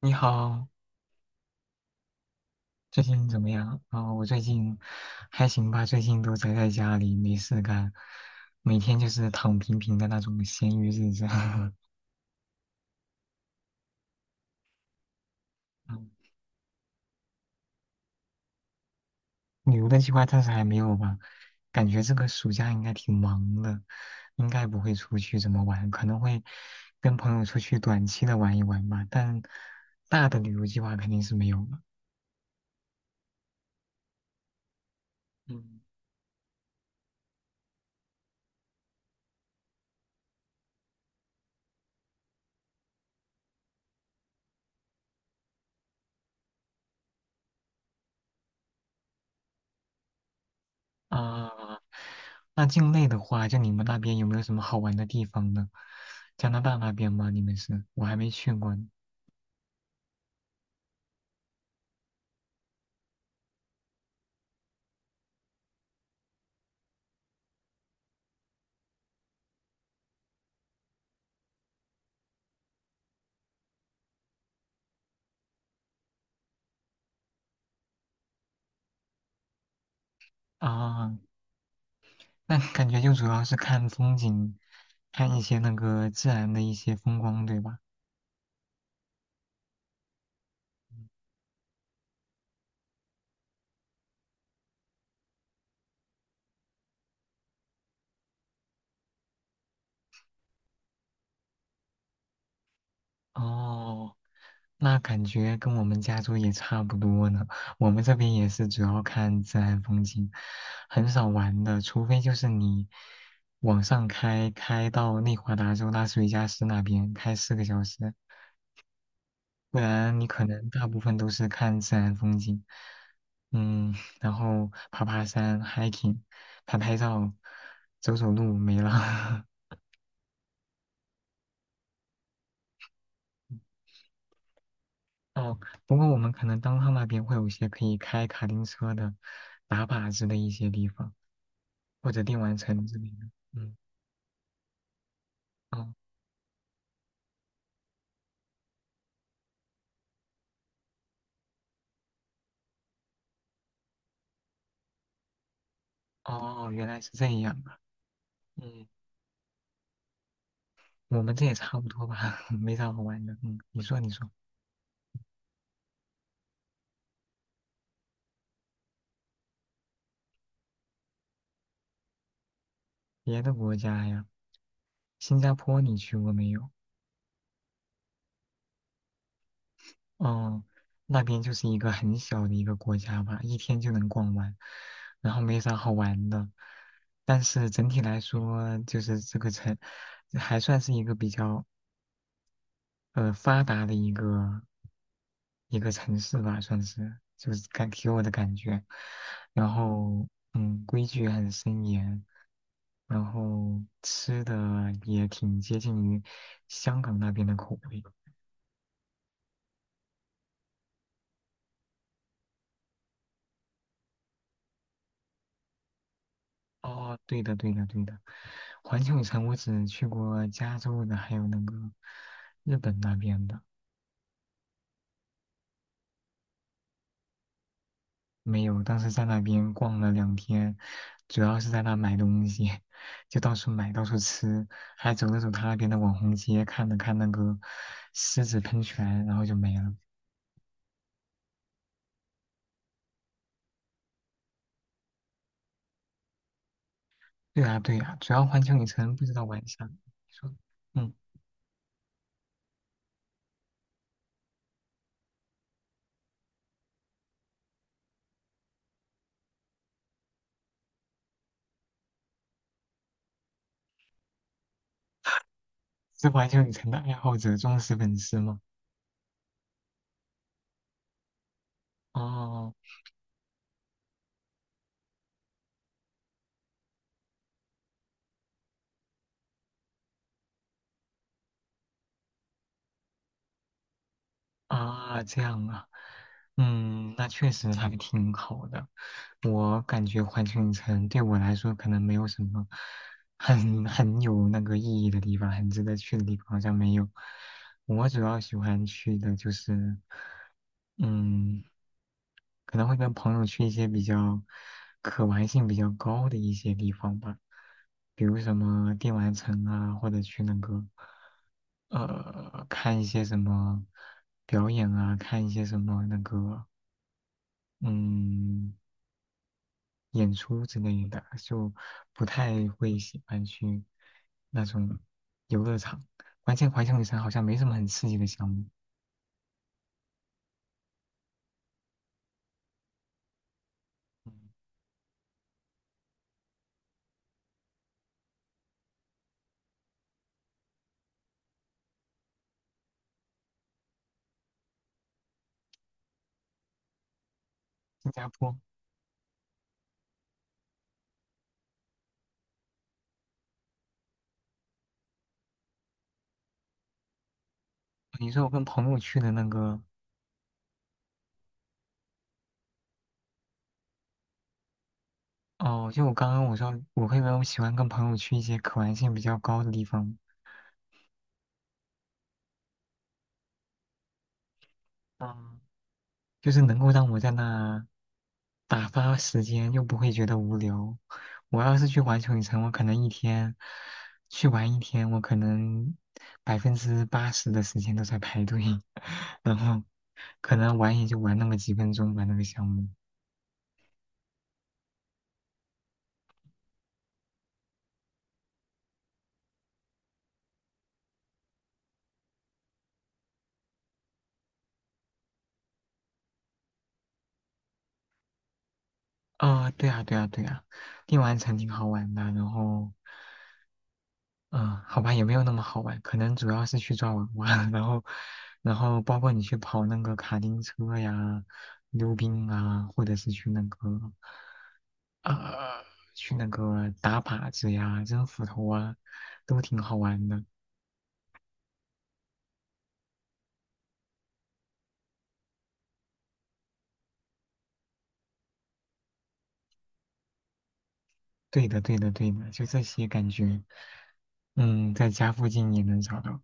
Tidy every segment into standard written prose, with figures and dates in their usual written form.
你好，最近怎么样？啊、我最近还行吧，最近都宅在家里没事干，每天就是躺平平的那种闲鱼日子。嗯旅游的计划暂时还没有吧，感觉这个暑假应该挺忙的，应该不会出去怎么玩，可能会跟朋友出去短期的玩一玩吧，但大的旅游计划肯定是没有了。嗯啊，那境内的话，就你们那边有没有什么好玩的地方呢？加拿大那边吗？你们是？我还没去过呢。啊。那感觉就主要是看风景，看一些那个自然的一些风光，对吧？哦，那感觉跟我们加州也差不多呢。我们这边也是主要看自然风景，很少玩的，除非就是你往上开，开到内华达州拉斯维加斯那边，开4个小时。不然你可能大部分都是看自然风景，嗯，然后爬爬山、hiking、拍拍照、走走路，没了。哦，不过我们可能当趟那边会有一些可以开卡丁车的、打靶子的一些地方，或者电玩城之类的。嗯，哦哦哦，原来是这样啊。嗯，我们这也差不多吧，没啥好玩的。嗯，你说你说，别的国家呀，新加坡你去过没有？嗯，那边就是一个很小的一个国家吧，一天就能逛完，然后没啥好玩的。但是整体来说，就是这个城还算是一个比较发达的一个城市吧，算是就是感给我的感觉。然后规矩很森严，然后吃的也挺接近于香港那边的口味。哦，对的，对的，对的。环球影城我只去过加州的，还有那个日本那边的，没有。当时在那边逛了2天，主要是在那买东西，就到处买，到处吃，还走了走他那边的网红街，看了看那个狮子喷泉，然后就没了。对啊，对啊，主要环球影城不知道晚上。你说，嗯，是环球影城的爱好者忠实粉丝吗？哦。啊，这样啊，嗯，那确实还挺好的。我感觉环球影城对我来说可能没有什么很有那个意义的地方，很值得去的地方好像没有。我主要喜欢去的就是，嗯。可能会跟朋友去一些比较可玩性比较高的一些地方吧，比如什么电玩城啊，或者去那个看一些什么表演啊，看一些什么那个嗯演出之类的，就不太会喜欢去那种游乐场。关键环球影城好像没什么很刺激的项目。嗯新加坡，你说我跟朋友去的那个。哦，就我刚刚我说，我会不会喜欢跟朋友去一些可玩性比较高的地方？嗯，就是能够让我在那打发时间，又不会觉得无聊。我要是去环球影城，我可能一天去玩一天，我可能80%的时间都在排队，然后可能玩也就玩那么几分钟吧，那个项目。哦，对啊，对啊，对啊，电玩城挺好玩的，然后。嗯，好吧，也没有那么好玩，可能主要是去抓娃娃，然后，然后包括你去跑那个卡丁车呀、溜冰啊，或者是去那个，呃，去那个打靶子呀、扔斧头啊，都挺好玩的。对的，对的，对的，就这些感觉，嗯，在家附近也能找到。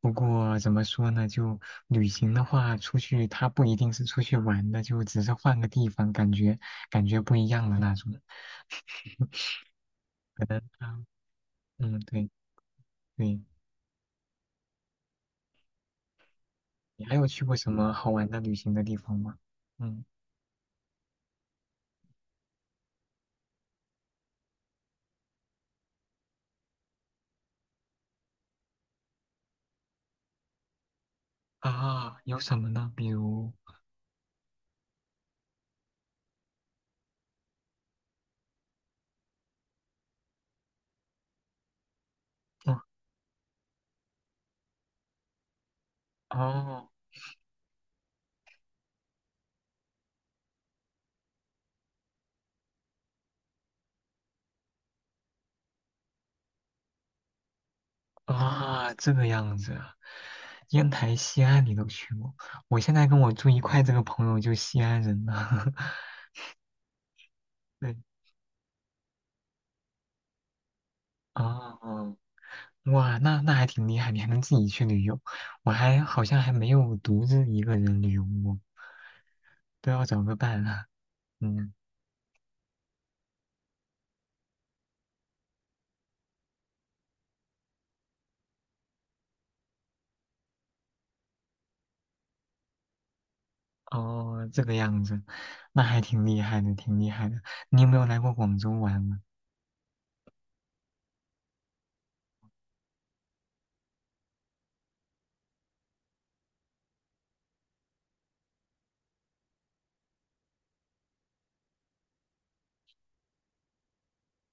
不过怎么说呢，就旅行的话，出去他不一定是出去玩的，就只是换个地方，感觉不一样的那种。可能啊，嗯，对对，你还有去过什么好玩的旅行的地方吗？嗯啊，有什么呢？比如，哦哦。啊，这个样子啊，烟台、西安你都去过？我现在跟我住一块这个朋友就西安人呢。对，哦，哇，那还挺厉害，你还能自己去旅游，我还好像还没有独自一个人旅游过，都要找个伴了。嗯，哦，这个样子，那还挺厉害的，挺厉害的。你有没有来过广州玩呢？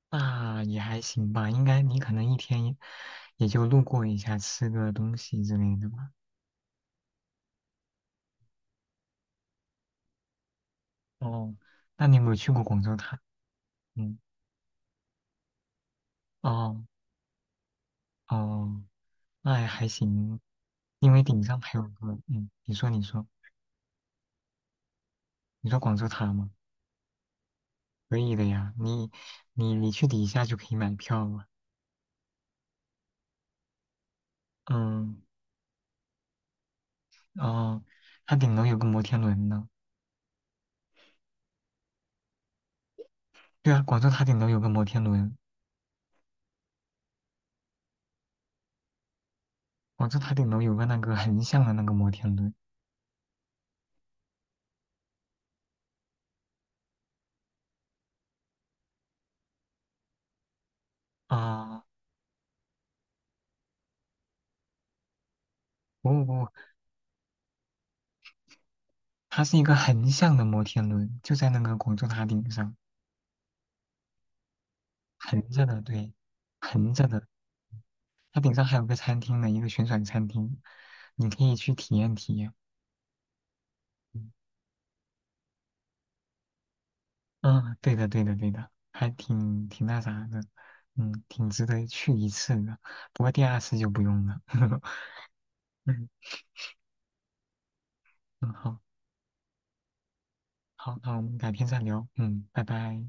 那也还行吧，应该你可能一天也就路过一下，吃个东西之类的吧。哦，那你有没有去过广州塔？嗯，哦哦，那也还行，因为顶上还有个，嗯，你说你说你说广州塔吗？可以的呀，你去底下就可以买票了。嗯，哦，它顶楼有个摩天轮呢。对啊，广州塔顶楼有个摩天轮，广州塔顶楼有个那个横向的那个摩天轮。啊，不过它是一个横向的摩天轮，就在那个广州塔顶上，横着的，对，横着的。它顶上还有个餐厅呢，一个旋转餐厅，你可以去体验体验。嗯，嗯对的，对的，对的，还挺挺那啥的，嗯，挺值得去一次的。不过第2次就不用了。嗯嗯，好，好，那我们改天再聊。嗯，拜拜。